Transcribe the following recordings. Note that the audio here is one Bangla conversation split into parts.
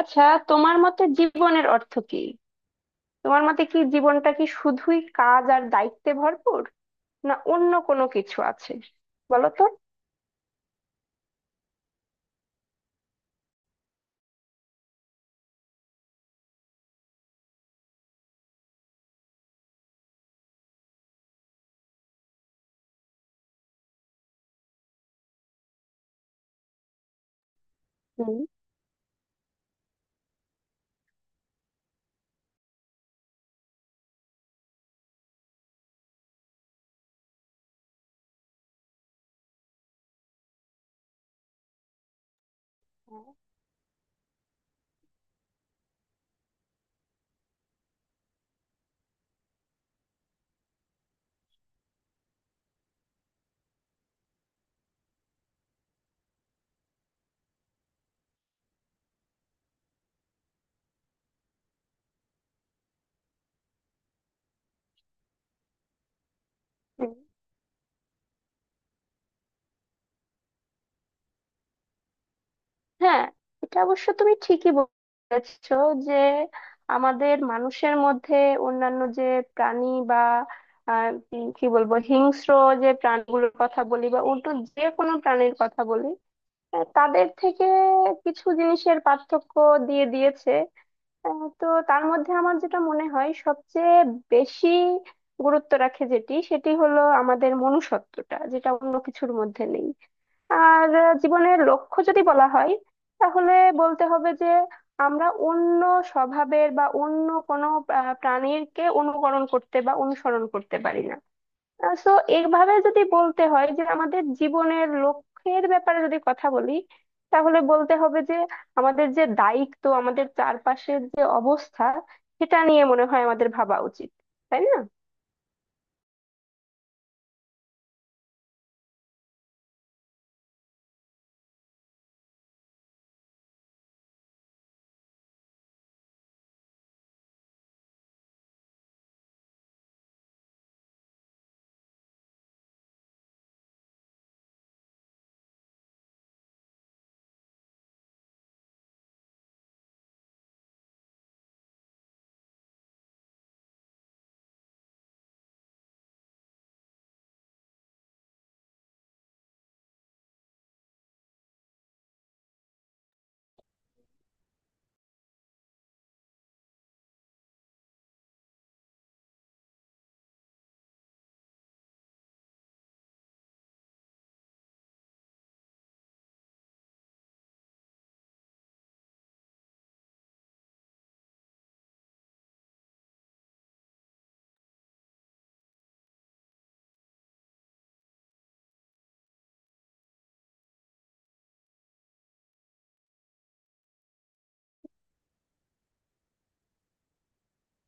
আচ্ছা, তোমার মতে জীবনের অর্থ কি? তোমার মতে কি জীবনটা কি শুধুই কাজ আর দায়িত্বে ভরপুর, না অন্য কোনো কিছু আছে? বলো তো। হুম। হুম। হ্যাঁ, এটা অবশ্য তুমি ঠিকই বলেছো যে আমাদের মানুষের মধ্যে অন্যান্য যে প্রাণী বা আহ, কি বলবো, হিংস্র যে প্রাণীগুলোর কথা বলি বা অন্য যে কোনো প্রাণীর কথা বলি, তাদের থেকে কিছু জিনিসের পার্থক্য দিয়ে দিয়েছে। তো তার মধ্যে আমার যেটা মনে হয় সবচেয়ে বেশি গুরুত্ব রাখে যেটি, সেটি হলো আমাদের মনুষ্যত্বটা, যেটা অন্য কিছুর মধ্যে নেই। আর জীবনের লক্ষ্য যদি বলা হয়, তাহলে বলতে হবে যে আমরা অন্য স্বভাবের বা অন্য কোনো প্রাণীকে অনুকরণ করতে বা অনুসরণ করতে পারি না। সো, এইভাবে যদি বলতে হয় যে আমাদের জীবনের লক্ষ্যের ব্যাপারে যদি কথা বলি, তাহলে বলতে হবে যে আমাদের যে দায়িত্ব, আমাদের চারপাশের যে অবস্থা, সেটা নিয়ে মনে হয় আমাদের ভাবা উচিত। তাই না?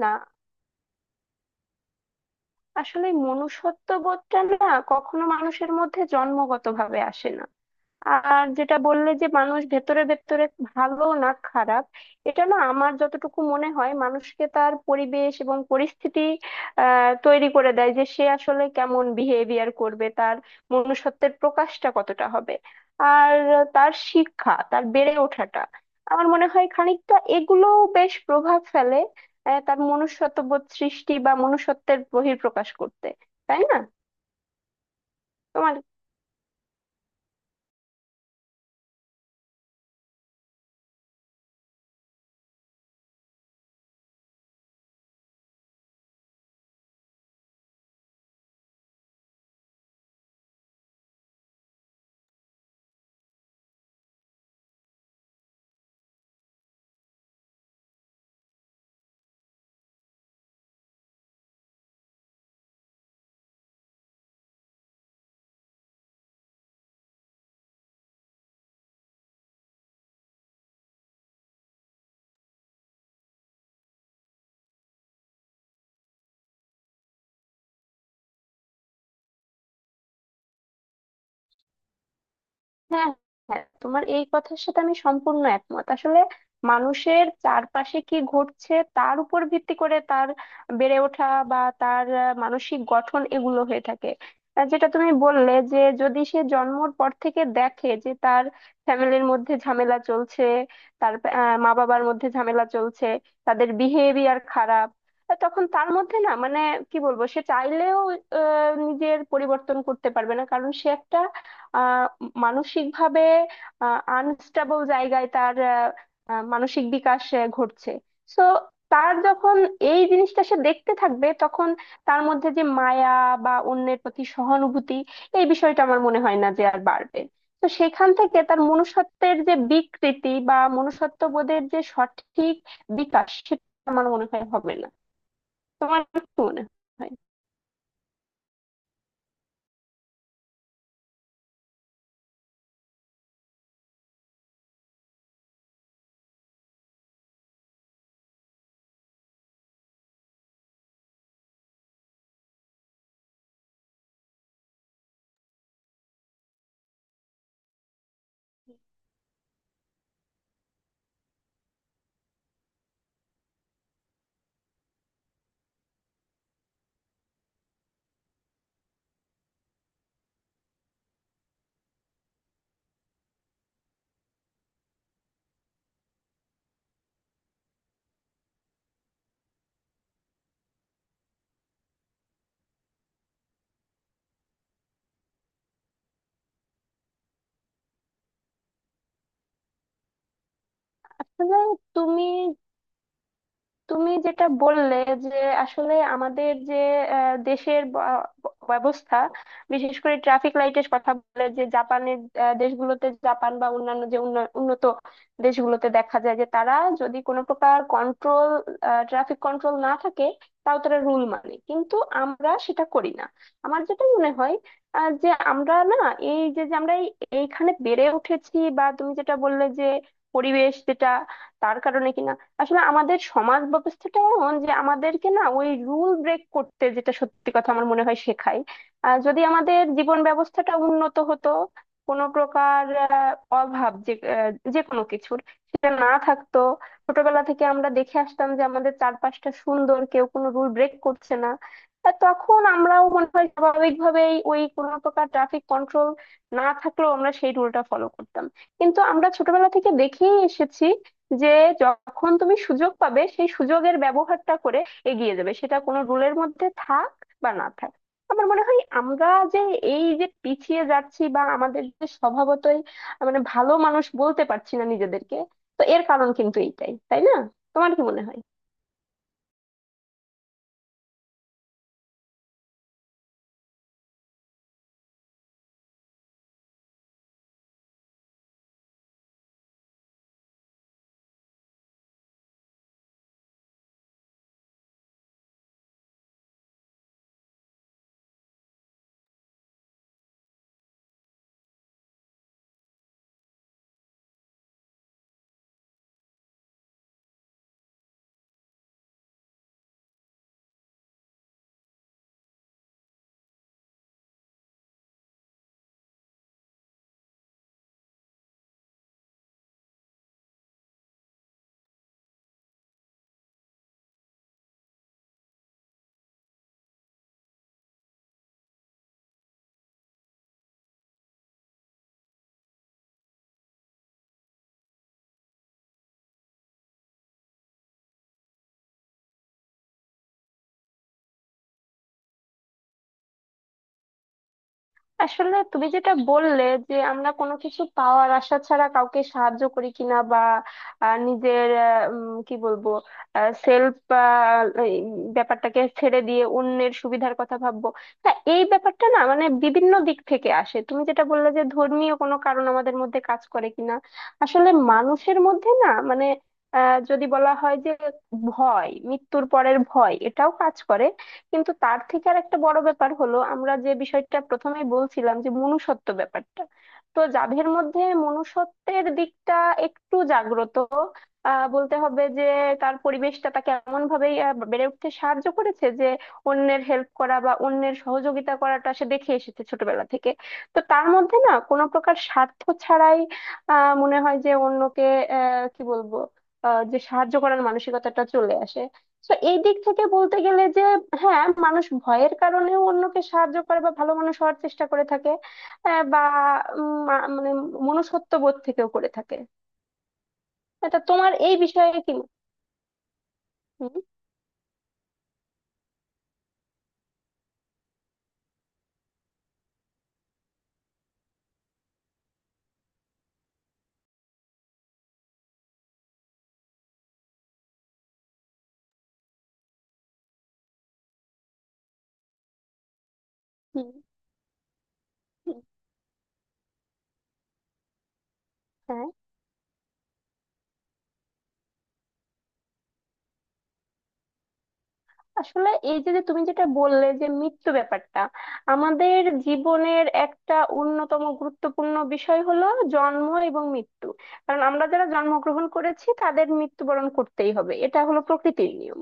না, আসলে মনুষ্যত্ব বোধটা না কখনো মানুষের মধ্যে জন্মগতভাবে আসে না। আর যেটা বললে যে মানুষ ভেতরে ভেতরে ভালো না খারাপ, এটা না, আমার যতটুকু মনে হয় মানুষকে তার পরিবেশ এবং পরিস্থিতি তৈরি করে দেয় যে সে আসলে কেমন বিহেভিয়ার করবে, তার মনুষ্যত্বের প্রকাশটা কতটা হবে। আর তার শিক্ষা, তার বেড়ে ওঠাটা আমার মনে হয় খানিকটা এগুলো বেশ প্রভাব ফেলে তার মনুষ্যত্ববোধ সৃষ্টি বা মনুষ্যত্বের বহিঃপ্রকাশ করতে। তাই না? তোমার। হ্যাঁ, হ্যাঁ, তোমার এই কথার সাথে আমি সম্পূর্ণ একমত আসলে। মানুষের চারপাশে কি ঘটছে তার উপর ভিত্তি করে তার বেড়ে ওঠা বা তার মানসিক গঠন এগুলো হয়ে থাকে। যেটা তুমি বললে যে যদি সে জন্মর পর থেকে দেখে যে তার ফ্যামিলির মধ্যে ঝামেলা চলছে, তার মা বাবার মধ্যে ঝামেলা চলছে, তাদের বিহেভিয়ার খারাপ, তখন তার মধ্যে না, মানে কি বলবো, সে চাইলেও নিজের পরিবর্তন করতে পারবে না, কারণ সে একটা আহ মানসিকভাবে আনস্টেবল জায়গায় তার মানসিক বিকাশ ঘটছে। সো, তার যখন এই জিনিসটা সে দেখতে থাকবে, তখন তার মধ্যে যে মায়া বা অন্যের প্রতি সহানুভূতি, এই বিষয়টা আমার মনে হয় না যে আর বাড়বে। তো সেখান থেকে তার মনুষ্যত্বের যে বিকৃতি বা মনুষ্যত্ব বোধের যে সঠিক বিকাশ, সেটা আমার মনে হয় হবে না। তোমার কি মনে হয়? তাহলে তুমি, যেটা বললে যে আসলে আমাদের যে আহ, দেশের ব- ব্যবস্থা, বিশেষ করে ট্রাফিক লাইটের কথা বলে যে জাপানের, দেশগুলোতে জাপান বা অন্যান্য যে উন্নত দেশগুলোতে দেখা যায় যে তারা যদি কোনো প্রকার কন্ট্রোল, ট্রাফিক কন্ট্রোল না থাকে, তাও তারা রুল মানে, কিন্তু আমরা সেটা করি না। আমার যেটা মনে হয় যে আমরা না, এই যে যে আমরা এইখানে বেড়ে উঠেছি বা তুমি যেটা বললে যে পরিবেশ যেটা, তার কারণে কিনা, আসলে আমাদের সমাজ ব্যবস্থাটা এমন যে আমাদেরকে না ওই রুল ব্রেক করতে, যেটা সত্যি কথা, আমার মনে হয় শেখায়। আর যদি আমাদের জীবন ব্যবস্থাটা উন্নত হতো, কোনো প্রকার অভাব যে যে কোনো কিছুর, সেটা না থাকতো, ছোটবেলা থেকে আমরা দেখে আসতাম যে আমাদের চারপাশটা সুন্দর, কেউ কোনো রুল ব্রেক করছে না, আর তখন আমরাও মনে হয় স্বাভাবিকভাবেই ওই কোনো প্রকার ট্রাফিক কন্ট্রোল না থাকলেও আমরা সেই রুলটা ফলো করতাম। কিন্তু আমরা ছোটবেলা থেকে দেখেই এসেছি যে যখন তুমি সুযোগ পাবে, সেই সুযোগের ব্যবহারটা করে এগিয়ে যাবে, সেটা কোনো রুলের মধ্যে থাক বা না থাক। আমার মনে হয় আমরা যে এই যে পিছিয়ে যাচ্ছি বা আমাদের যে স্বভাবতই মানে ভালো মানুষ বলতে পারছি না নিজেদেরকে, তো এর কারণ কিন্তু এইটাই। তাই না? তোমার কি মনে হয়? আসলে তুমি যেটা বললে যে আমরা কোনো কিছু পাওয়ার আশা ছাড়া কাউকে সাহায্য করি কিনা বা নিজের কি বলবো, সেলফ ব্যাপারটাকে ছেড়ে দিয়ে অন্যের সুবিধার কথা ভাববো, তা এই ব্যাপারটা না মানে বিভিন্ন দিক থেকে আসে। তুমি যেটা বললে যে ধর্মীয় কোনো কারণ আমাদের মধ্যে কাজ করে কিনা, আসলে মানুষের মধ্যে না মানে যদি বলা হয় যে ভয়, মৃত্যুর পরের ভয়, এটাও কাজ করে। কিন্তু তার থেকে আর একটা বড় ব্যাপার হলো আমরা যে বিষয়টা প্রথমেই বলছিলাম যে মনুষ্যত্ব ব্যাপারটা, তো যাদের মধ্যে মনুষ্যত্বের দিকটা একটু জাগ্রত, বলতে হবে যে তার পরিবেশটা তাকে এমন ভাবেই বেড়ে উঠতে সাহায্য করেছে যে অন্যের হেল্প করা বা অন্যের সহযোগিতা করাটা সে দেখে এসেছে ছোটবেলা থেকে। তো তার মধ্যে না কোনো প্রকার স্বার্থ ছাড়াই মনে হয় যে অন্যকে আহ কি বলবো যে সাহায্য করার মানসিকতাটা চলে আসে। তো এই দিক থেকে বলতে গেলে যে হ্যাঁ, মানুষ ভয়ের কারণেও অন্যকে সাহায্য করে বা ভালো মানুষ হওয়ার চেষ্টা করে থাকে বা মানে মনুষ্যত্ব বোধ থেকেও করে থাকে। এটা তোমার এই বিষয়ে কি মত? হুম। হুম। হুম। হ্যাঁ, আসলে এই যে যে তুমি যেটা বললে যে মৃত্যু ব্যাপারটা, আমাদের জীবনের একটা অন্যতম গুরুত্বপূর্ণ বিষয় হলো জন্ম এবং মৃত্যু। কারণ আমরা যারা জন্মগ্রহণ করেছি তাদের মৃত্যুবরণ করতেই হবে, এটা হলো প্রকৃতির নিয়ম।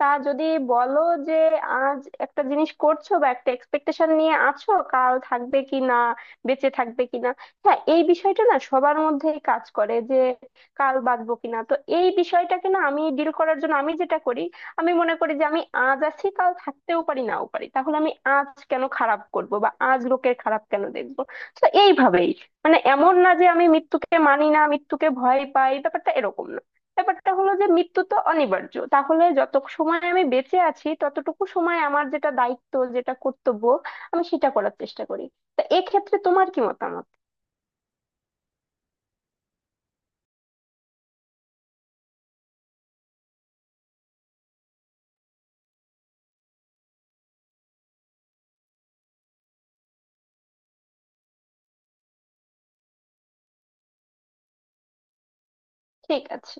তা যদি বলো যে আজ একটা জিনিস করছো বা একটা এক্সপেকটেশন নিয়ে আছো, কাল থাকবে কি না, বেঁচে থাকবে কি না, হ্যাঁ, এই বিষয়টা না সবার মধ্যেই কাজ করে যে কাল বাঁচবো কিনা। তো এই বিষয়টাকে না আমি ডিল করার জন্য আমি যেটা করি, আমি মনে করি যে আমি আজ আছি, কাল থাকতেও পারি নাও পারি, তাহলে আমি আজ কেন খারাপ করব বা আজ লোকের খারাপ কেন দেখবো। তো এইভাবেই, মানে এমন না যে আমি মৃত্যুকে মানি না, মৃত্যুকে ভয় পাই, ব্যাপারটা এরকম না। ব্যাপারটা হলো যে মৃত্যু তো অনিবার্য, তাহলে যত সময় আমি বেঁচে আছি ততটুকু সময় আমার যেটা দায়িত্ব, যেটা কর্তব্য, আমি সেটা করার চেষ্টা করি। তা এক্ষেত্রে তোমার কি মতামত? ঠিক আছে।